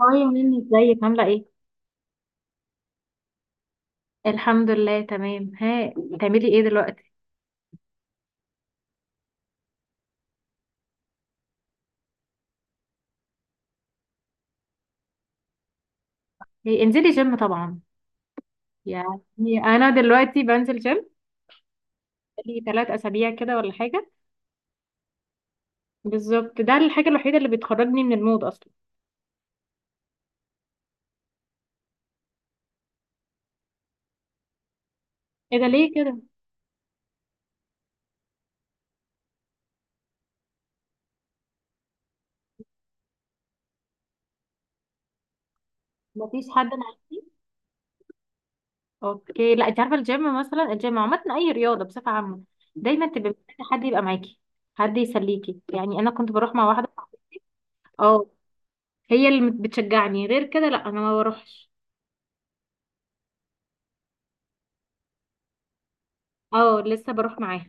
هاي مني، ازيك؟ عاملة ايه؟ الحمد لله تمام. ها بتعملي ايه دلوقتي؟ إيه، انزلي جيم طبعا. يعني انا دلوقتي بنزل جيم لي 3 اسابيع كده، ولا حاجة. بالظبط، ده الحاجة الوحيدة اللي بتخرجني من المود اصلا. ايه ده؟ ليه كده؟ مفيش حد انا عارفه. اوكي، لا انت عارفة الجيم، مثلا الجيم عامة، اي رياضة بصفة عامة دايما تبقى محتاجة حد يبقى معاكي، حد يسليكي. يعني انا كنت بروح مع واحدة، اه، هي اللي بتشجعني، غير كده لا، انا ما بروحش. اه، لسه بروح معاها.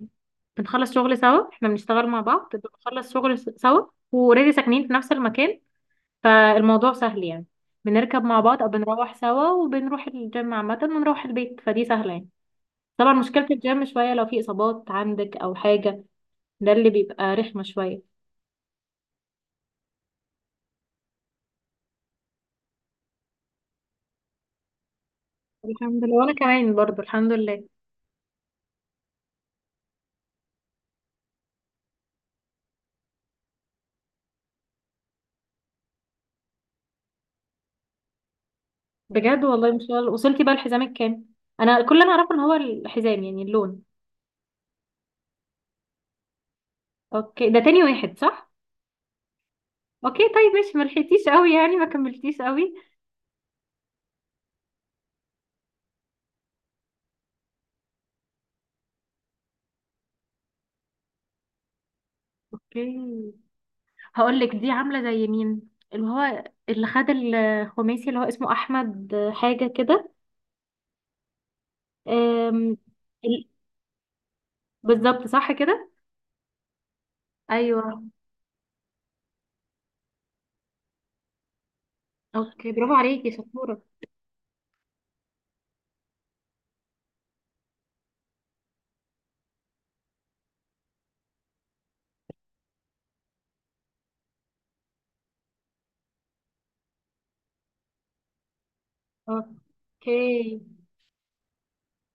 بنخلص شغل سوا، احنا بنشتغل مع بعض، بنخلص شغل سوا. واوريدي ساكنين في نفس المكان، فالموضوع سهل يعني. بنركب مع بعض او بنروح سوا، وبنروح الجيم عامة ونروح البيت، فدي سهلة يعني. طبعا مشكلة الجيم شوية لو في اصابات عندك او حاجة، ده اللي بيبقى رخمة شوية. الحمد لله، وانا كمان برضو الحمد لله. بجد والله؟ ان شاء الله. وصلتي بقى لحزامك كام؟ انا كل اللي انا اعرفه ان هو الحزام يعني اللون. اوكي، ده تاني واحد صح. اوكي طيب ماشي، ملحقتيش قوي يعني، ما كملتيش قوي. اوكي. هقول لك، دي عامله زي مين؟ اللي هو اللي خد الخماسي، اللي هو اسمه احمد حاجه كده. أم، ال- بالظبط، صح كده. ايوه. اوكي، برافو عليكي، شطوره. آه، اوكي.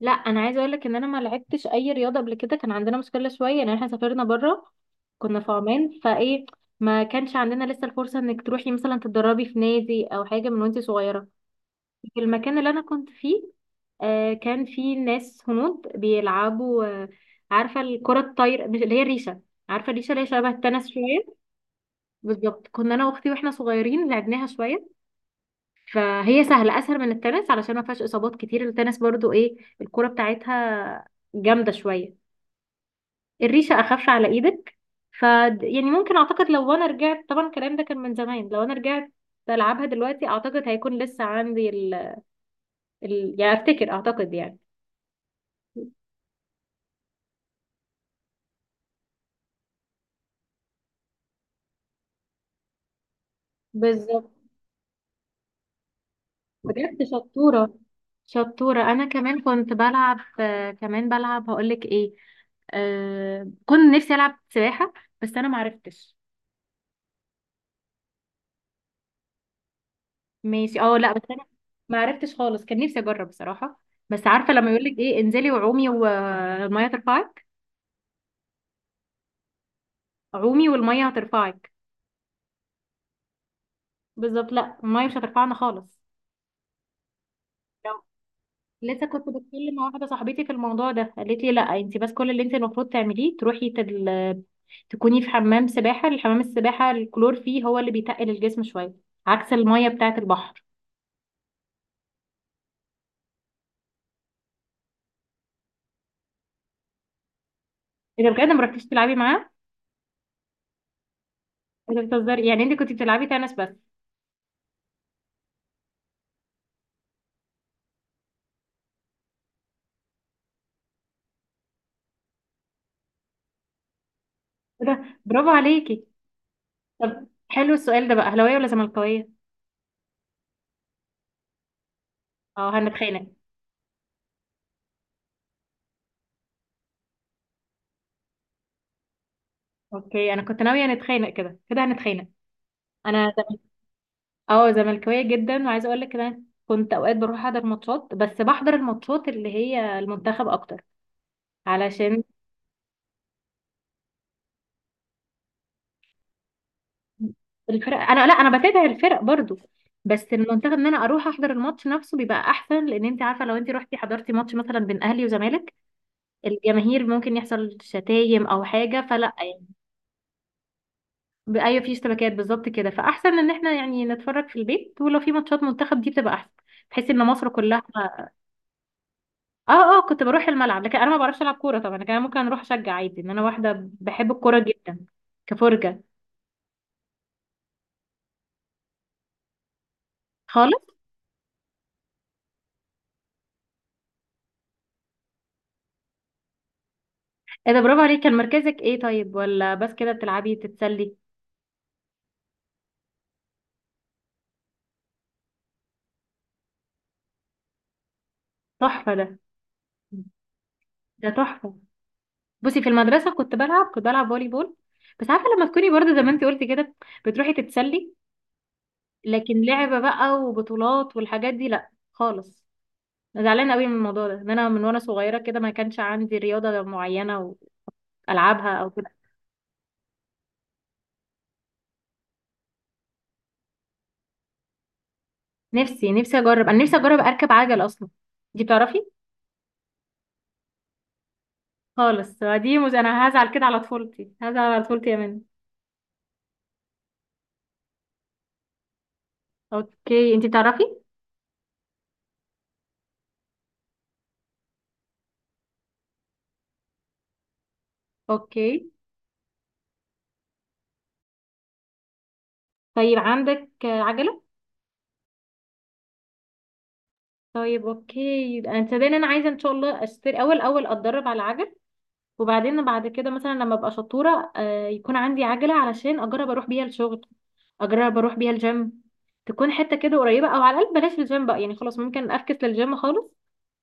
لا، انا عايزه اقول لك ان انا ما لعبتش اي رياضه قبل كده. كان عندنا مشكله شويه، ان احنا سافرنا بره، كنا في عمان فايه. ما كانش عندنا لسه الفرصه انك تروحي مثلا تتدربي في نادي او حاجه من وانت صغيره. في المكان اللي انا كنت فيه، كان في ناس هنود بيلعبوا، عارفه الكره الطايره؟ مش اللي هي الريشه. عارفه الريشه اللي هي شبه التنس شويه. بالظبط، كنا انا واختي، واحنا صغيرين لعبناها شويه. فهي سهله، اسهل من التنس علشان ما فيهاش اصابات كتير. التنس برضو ايه، الكره بتاعتها جامده شويه، الريشه اخف على ايدك. ف يعني ممكن، اعتقد، لو انا رجعت، طبعا الكلام ده كان من زمان، لو انا رجعت بلعبها دلوقتي، اعتقد هيكون لسه عندي يعني، افتكر، اعتقد يعني. بالظبط. بجد شطورة شطورة. أنا كمان كنت بلعب، كمان بلعب، هقولك إيه، كنت نفسي ألعب سباحة، بس أنا معرفتش. ماشي. اه لا، بس أنا معرفتش خالص، كان نفسي أجرب بصراحة. بس عارفة لما يقولك إيه، انزلي وعومي والمية ترفعك، عومي والمية هترفعك. بالظبط، لا، المية مش هترفعنا خالص. لسه كنت بتكلم مع واحده صاحبتي في الموضوع ده، قالت لي لا، انت بس كل اللي انت المفروض تعمليه تروحي تكوني في حمام سباحه، الحمام السباحه الكلور فيه هو اللي بيتقل الجسم شويه، عكس الميه بتاعه البحر. اذا بجد، ما رحتيش تلعبي معاه؟ اذا بتهزري يعني. انت كنت بتلعبي تنس بس؟ إيه ده، برافو عليكي. طب حلو، السؤال ده بقى، اهلاويه ولا زملكاويه؟ اه، هنتخانق. اوكي، انا كنت ناويه نتخانق، كده كده هنتخانق. انا، اه زملكاويه جدا، وعايزه اقول لك إن انا كنت اوقات بروح احضر ماتشات، بس بحضر الماتشات اللي هي المنتخب اكتر، علشان الفرق، لا انا بتابع الفرق برضو، بس المنتخب، ان انا اروح احضر الماتش نفسه بيبقى احسن، لان انت عارفه، لو انت رحتي حضرتي ماتش مثلا بين اهلي وزمالك، الجماهير ممكن يحصل شتايم او حاجه، فلا يعني. ايوه، في اشتباكات بالظبط كده. فاحسن ان احنا يعني نتفرج في البيت، ولو في ماتشات منتخب دي بتبقى احسن، بحيث ان مصر كلها. اه اه، كنت بروح الملعب، لكن انا ما بعرفش العب كوره طبعا، لكن انا ممكن اروح اشجع عادي، ان انا واحده بحب الكوره جدا كفرجه، خالص. ايه ده، برافو عليك. كان مركزك ايه طيب؟ ولا بس كده بتلعبي تتسلي؟ تحفه ده. ده تحفه. بصي، في المدرسه كنت بلعب، كنت بلعب فولي بول، بس عارفه لما تكوني برضه زي ما انت قلتي كده، بتروحي تتسلي، لكن لعبه بقى وبطولات والحاجات دي لا خالص. انا زعلانه قوي من الموضوع ده، ان انا من وانا صغيره كده ما كانش عندي رياضه معينه والعبها او كده. نفسي نفسي اجرب، انا نفسي اجرب اركب عجل اصلا. دي بتعرفي؟ خالص. انا هزعل كده على طفولتي، هزعل على طفولتي يا منى. اوكي، انتي بتعرفي؟ اوكي طيب عندك عجله؟ طيب اوكي، يبقى انت باين انا عايزه ان شاء الله اشتري. اول، اول اتدرب على عجل، وبعدين بعد كده مثلا لما ابقى شطوره، يكون عندي عجله، علشان اجرب اروح بيها الشغل، اجرب اروح بيها الجيم، تكون حته كده قريبه، او على الاقل بلاش الجيم بقى يعني، خلاص ممكن افكس للجيم خالص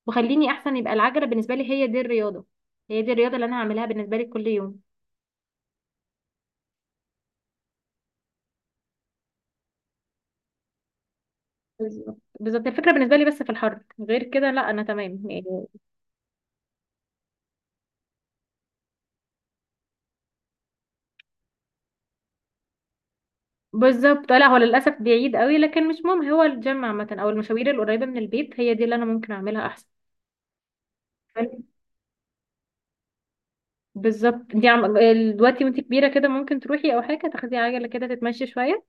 وخليني احسن. يبقى العجله بالنسبه لي هي دي الرياضه، هي دي الرياضه اللي انا هعملها بالنسبه لي كل يوم. بالظبط بالظبط، الفكره بالنسبه لي، بس في الحر غير كده، لا انا تمام يعني. بالظبط، لا، هو للاسف بعيد قوي، لكن مش مهم، هو الجيم عامه او المشاوير القريبه من البيت هي دي اللي انا ممكن اعملها احسن. حلو. بالظبط. دلوقتي وانت كبيره كده ممكن تروحي او حاجه، تاخدي عجله كده تتمشي شويه.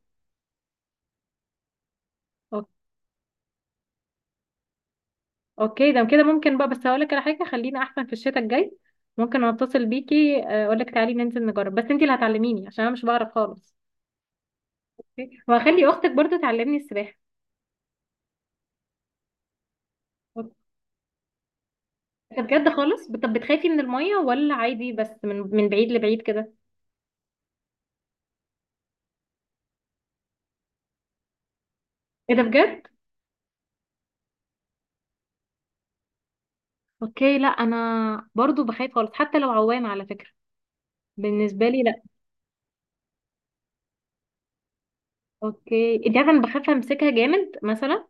أو- اوكي، ده كده ممكن بقى. بس هقول لك على حاجه، خلينا احسن في الشتاء الجاي، ممكن اتصل بيكي اقول لك تعالي ننزل نجرب، بس انت اللي هتعلميني عشان انا مش بعرف خالص، وهخلي اختك برضو تعلمني السباحه. ده بجد؟ خالص. طب بتخافي من الميه، ولا عادي بس من بعيد لبعيد كده؟ ايه ده، بجد؟ اوكي لا، انا برضو بخاف خالص، حتى لو عوامه، على فكره بالنسبه لي لا. اوكي، انت عارفه انا بخاف امسكها جامد مثلا،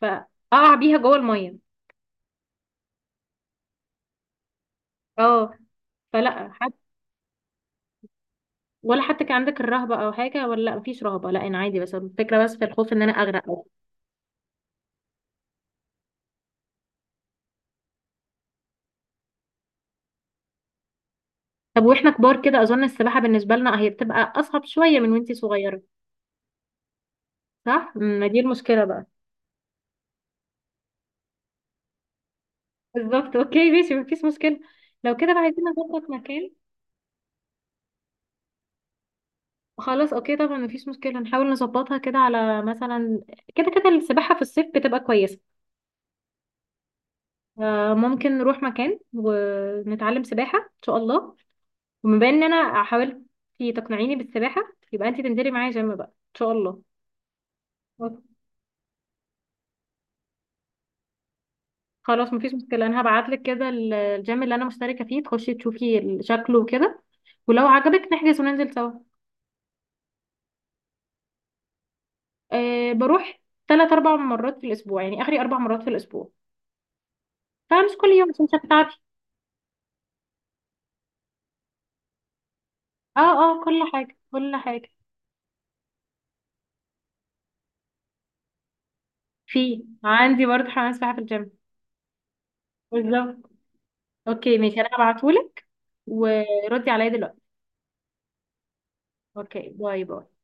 فاقع بيها جوه الميه. اه. فلا حتى، ولا حتى كان عندك الرهبه او حاجه، ولا؟ لا، مفيش رهبه، لا انا عادي، بس الفكره، بس في الخوف ان انا اغرق. طب واحنا كبار كده، اظن السباحه بالنسبه لنا هي بتبقى اصعب شويه من وانتي صغيره. صح. ما دي المشكله بقى. بالظبط اوكي ماشي، مفيش مشكلة. لو كده بقى، عايزين نظبط مكان. خلاص اوكي، طبعا مفيش مشكلة، نحاول نظبطها كده، على مثلا، كده كده السباحة في الصيف بتبقى كويسة. ممكن نروح مكان ونتعلم سباحة ان شاء الله. وبما ان انا حاولت تقنعيني بالسباحة، يبقى انت تنزلي معايا جيم بقى ان شاء الله. أوكي. خلاص مفيش مشكلة، انا هبعتلك كده الجيم اللي انا مشتركة فيه، تخشي تشوفي شكله وكده، ولو عجبك نحجز وننزل سوا. أه، بروح 3 أو 4 مرات في الاسبوع، يعني اخري 4 مرات في الاسبوع، فهمس كل يوم الشمسة بتاعتي. اه اه، كل حاجة، كل حاجة. في عندي برضه حمام سباحة في الجيم. بالظبط، اوكي ماشي، انا هبعتهولك وردي عليا دلوقتي. اوكي، باي باي.